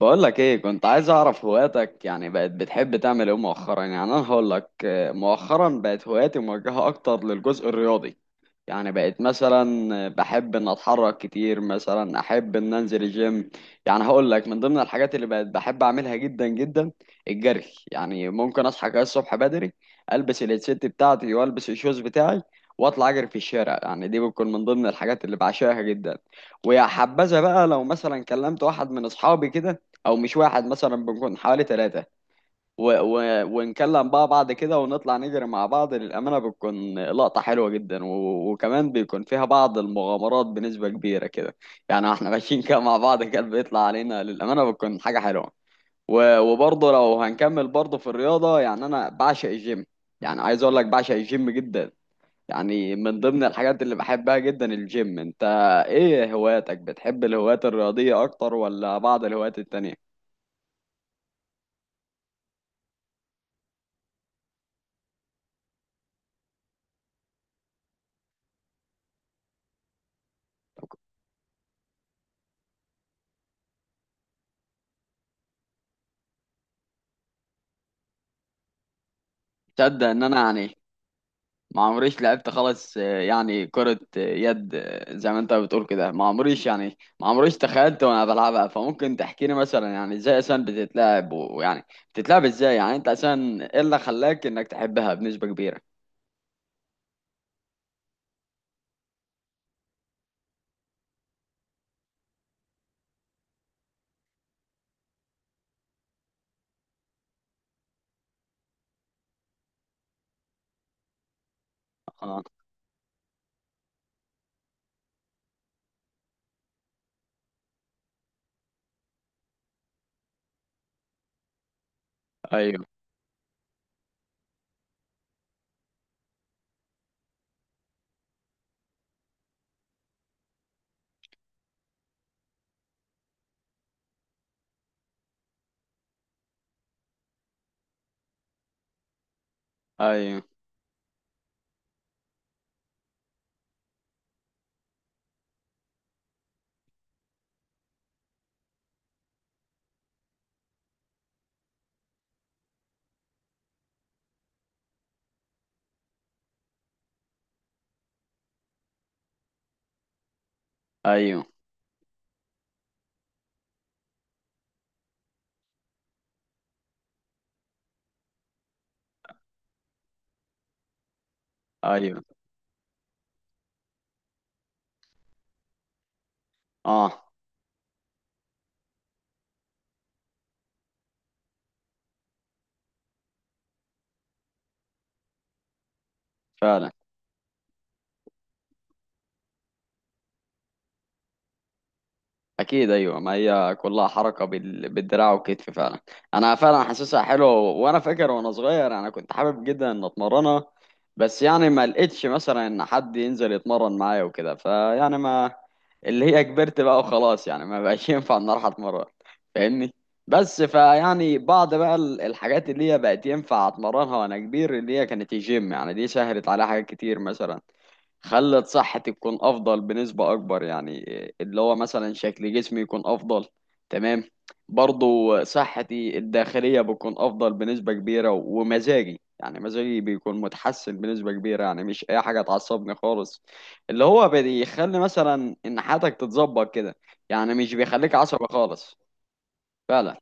بقول لك ايه، كنت عايز اعرف هواياتك. يعني بقت بتحب تعمل ايه مؤخرا؟ يعني انا هقول لك مؤخرا بقت هواياتي موجهة اكتر للجزء الرياضي. يعني بقيت مثلا بحب ان اتحرك كتير، مثلا احب ان انزل الجيم. يعني هقول لك من ضمن الحاجات اللي بقيت بحب اعملها جدا جدا، الجري. يعني ممكن اصحى كده الصبح بدري، البس الهيدسيت بتاعتي والبس الشوز بتاعي واطلع اجري في الشارع. يعني دي بتكون من ضمن الحاجات اللي بعشقها جدا. ويا حبذا بقى لو مثلا كلمت واحد من اصحابي كده، او مش واحد، مثلا بنكون حوالي ثلاثة ونكلم بقى بعض كده ونطلع نجري مع بعض. للأمانة بتكون لقطة حلوة جدا، وكمان بيكون فيها بعض المغامرات بنسبة كبيرة كده. يعني احنا ماشيين كده مع بعض كده، بيطلع علينا. للأمانة بتكون حاجة حلوة. وبرضه لو هنكمل برضه في الرياضة، يعني أنا بعشق الجيم. يعني عايز أقول لك بعشق الجيم جدا. يعني من ضمن الحاجات اللي بحبها جدا الجيم. انت ايه هواياتك؟ بتحب الهوايات الرياضية اكتر ولا بعض الهوايات التانية؟ تصدق ان انا يعني ما عمريش لعبت خالص يعني كرة يد، زي ما انت بتقول كده. ما عمريش يعني، ما عمريش تخيلت وانا بلعبها. فممكن تحكي لي مثلا، يعني ازاي اصلا بتتلعب؟ ويعني بتتلعب ازاي؟ يعني انت اصلا ايه اللي خلاك انك تحبها بنسبة كبيرة؟ اه. ايوه، ايوه، ايوه، ايوه. اه. فعلا. اكيد، ايوه، ما هي كلها حركه بالدراع والكتف فعلا. انا فعلا حاسسها حلوه، و- وانا فاكر وانا صغير انا كنت حابب جدا ان اتمرنها. بس يعني ما لقيتش مثلا ان حد ينزل يتمرن معايا وكده، فيعني ما. اللي هي كبرت بقى وخلاص، يعني ما بقاش ينفع ان اروح اتمرن. فاهمني؟ بس فيعني بعض بقى الحاجات اللي هي بقت ينفع اتمرنها وانا كبير، اللي هي كانت الجيم. يعني دي سهلت عليها حاجات كتير مثلا، خلت صحتي تكون افضل بنسبة اكبر، يعني اللي هو مثلا شكل جسمي يكون افضل. تمام. برضو صحتي الداخلية بتكون افضل بنسبة كبيرة، ومزاجي، يعني مزاجي بيكون متحسن بنسبة كبيرة. يعني مش اي حاجة تعصبني خالص، اللي هو بيخلي مثلا ان حياتك تتظبط كده. يعني مش بيخليك عصبي خالص. فعلا.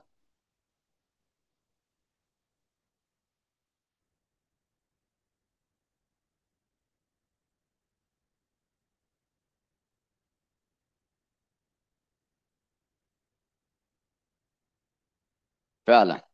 فعلا.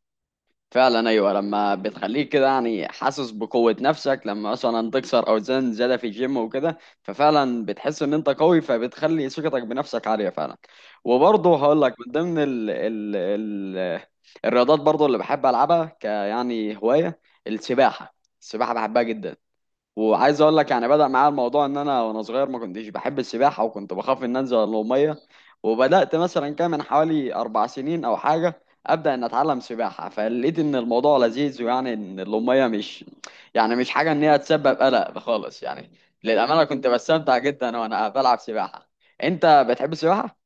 فعلا، ايوه. لما بتخليك كده يعني حاسس بقوه نفسك، لما مثلا تكسر اوزان زياده في الجيم وكده، ففعلا بتحس ان انت قوي، فبتخلي ثقتك بنفسك عاليه فعلا. وبرضه هقول لك من ضمن ال ال ال الرياضات برضه اللي بحب العبها ك يعني هوايه، السباحه. السباحه بحبها جدا. وعايز اقول لك يعني، بدأ معايا الموضوع ان انا وانا صغير ما كنتش بحب السباحه، وكنت بخاف ان انزل الميه. وبدأت مثلا، كان من حوالي 4 سنين او حاجه، ابدأ ان اتعلم سباحه. فلقيت ان الموضوع لذيذ، ويعني ان الميه مش، يعني مش حاجه ان هي تسبب قلق خالص يعني. للامانه كنت بستمتع جدا وانا بلعب سباحه. انت بتحب السباحه؟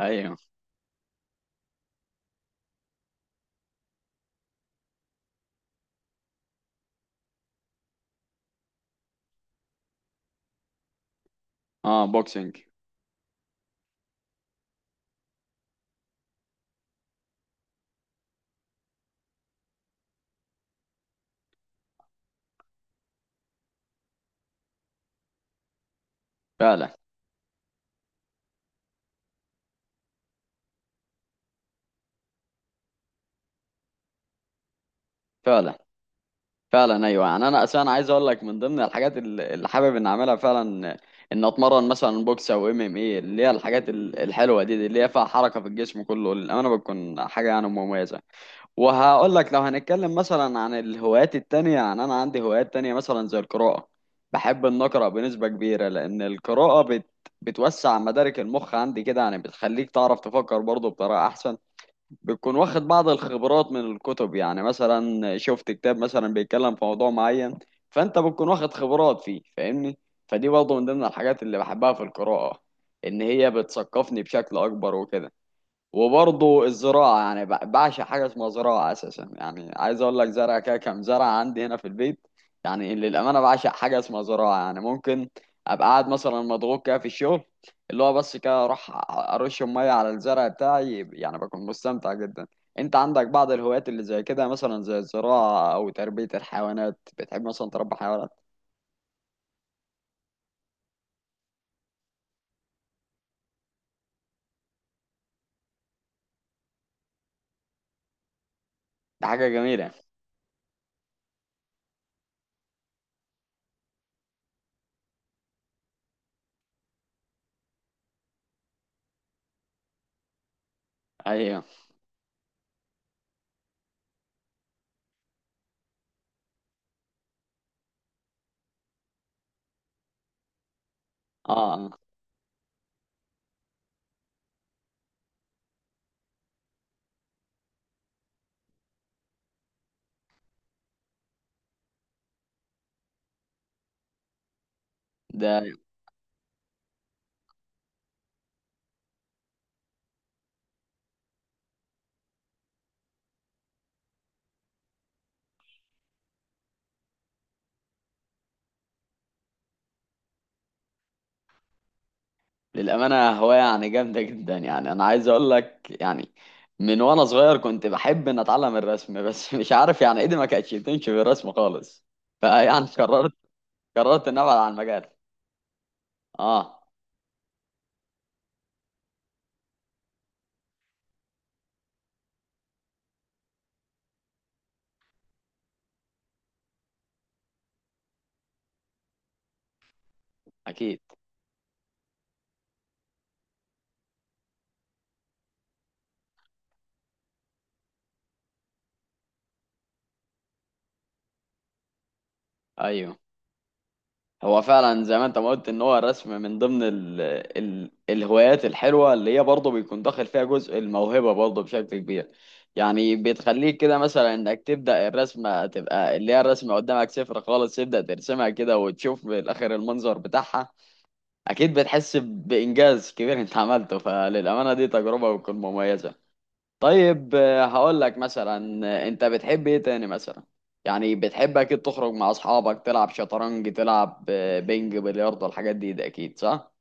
ايوه. اه، بوكسنج. فعلا. فعلا، فعلا ايوه. يعني انا اساسا عايز اقول لك، من ضمن الحاجات اللي حابب ان اعملها فعلا، ان اتمرن مثلا بوكس او MMA، اللي هي الحاجات الحلوه دي اللي هي فيها حركه في الجسم كله، للامانه بتكون حاجه يعني مميزه. وهقول لك لو هنتكلم مثلا عن الهوايات التانية، يعني انا عندي هوايات تانية مثلا زي القراءه. بحب ان اقرا بنسبه كبيره، لان القراءه بتوسع مدارك المخ عندي كده. يعني بتخليك تعرف تفكر برضه بطريقه احسن، بتكون واخد بعض الخبرات من الكتب. يعني مثلا شفت كتاب مثلا بيتكلم في موضوع معين، فانت بتكون واخد خبرات فيه، فاهمني؟ فدي برضه من ضمن الحاجات اللي بحبها في القراءة، ان هي بتثقفني بشكل اكبر وكده. وبرضه الزراعة، يعني بعشق حاجة اسمها زراعة أساسا. يعني عايز أقول لك، زرع كده، كام زرع عندي هنا في البيت. يعني للأمانة بعشق حاجة اسمها زراعة. يعني ممكن أبقى قاعد مثلا مضغوط كده في الشغل، اللي هو بس كده أروح أرش المية على الزرع بتاعي، يعني بكون مستمتع جدا. أنت عندك بعض الهوايات اللي زي كده مثلا، زي الزراعة أو تربية الحيوانات؟ بتحب مثلا تربي حيوانات؟ دي حاجة جميلة. أيوه. أه. ده. للأمانة هواية يعني جامدة جدا. يعني أنا عايز أقول لك يعني، من وأنا صغير كنت بحب إن أتعلم الرسم، بس مش عارف يعني، إيدي ما كانتش بتمشي في الرسم خالص. فيعني قررت إن أبعد عن المجال. أه. أكيد. أيوه. هو فعلا زي ما انت ما قلت، ان هو الرسم من ضمن ال ال الهوايات الحلوه، اللي هي برضه بيكون داخل فيها جزء الموهبه برضه بشكل كبير. يعني بتخليك كده مثلا انك تبدا الرسمه، تبقى اللي هي الرسمه قدامك صفر خالص، تبدا ترسمها كده وتشوف بالاخر المنظر بتاعها. اكيد بتحس بانجاز كبير انت عملته، فللامانه دي تجربه بتكون مميزه. طيب، هقول لك مثلا، انت بتحب ايه تاني مثلا؟ يعني بتحب اكيد تخرج مع اصحابك تلعب شطرنج، تلعب بينج، بلياردو، الحاجات دي، ده اكيد صح؟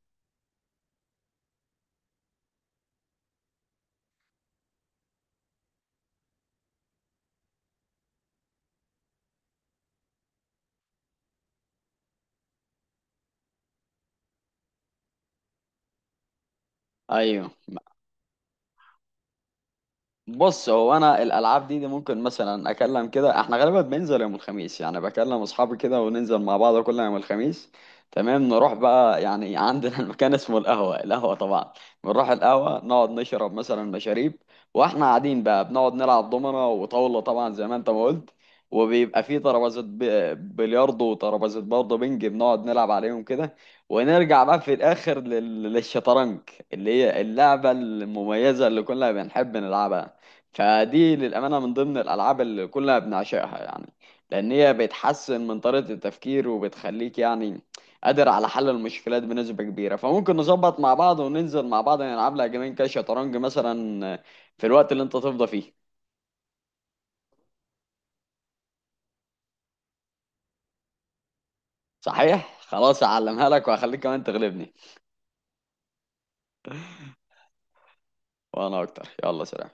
ايوه. بص هو انا الالعاب دي، ممكن مثلا اكلم كده، احنا غالبا بننزل يوم الخميس، يعني بكلم اصحابي كده وننزل مع بعض كل يوم الخميس. تمام. نروح بقى، يعني عندنا المكان اسمه القهوة، القهوة طبعا. بنروح القهوة نقعد نشرب مثلا مشاريب، واحنا قاعدين بقى بنقعد نلعب دومنة وطاولة طبعا زي ما انت ما قلت. وبيبقى فيه ترابيزة بلياردو وترابيزة برضه بنج، بنقعد نلعب عليهم كده. ونرجع بقى في الاخر للشطرنج، اللي هي اللعبة المميزة اللي كلنا بنحب نلعبها. فدي للأمانة من ضمن الألعاب اللي كلنا بنعشقها، يعني لأن هي بتحسن من طريقة التفكير، وبتخليك يعني قادر على حل المشكلات بنسبة كبيرة. فممكن نظبط مع بعض وننزل مع بعض نلعب لها جيمين كده شطرنج مثلا، في الوقت اللي أنت تفضى فيه. صحيح؟ خلاص، أعلمها لك وهخليك كمان تغلبني. وأنا أكتر. يلا، سلام.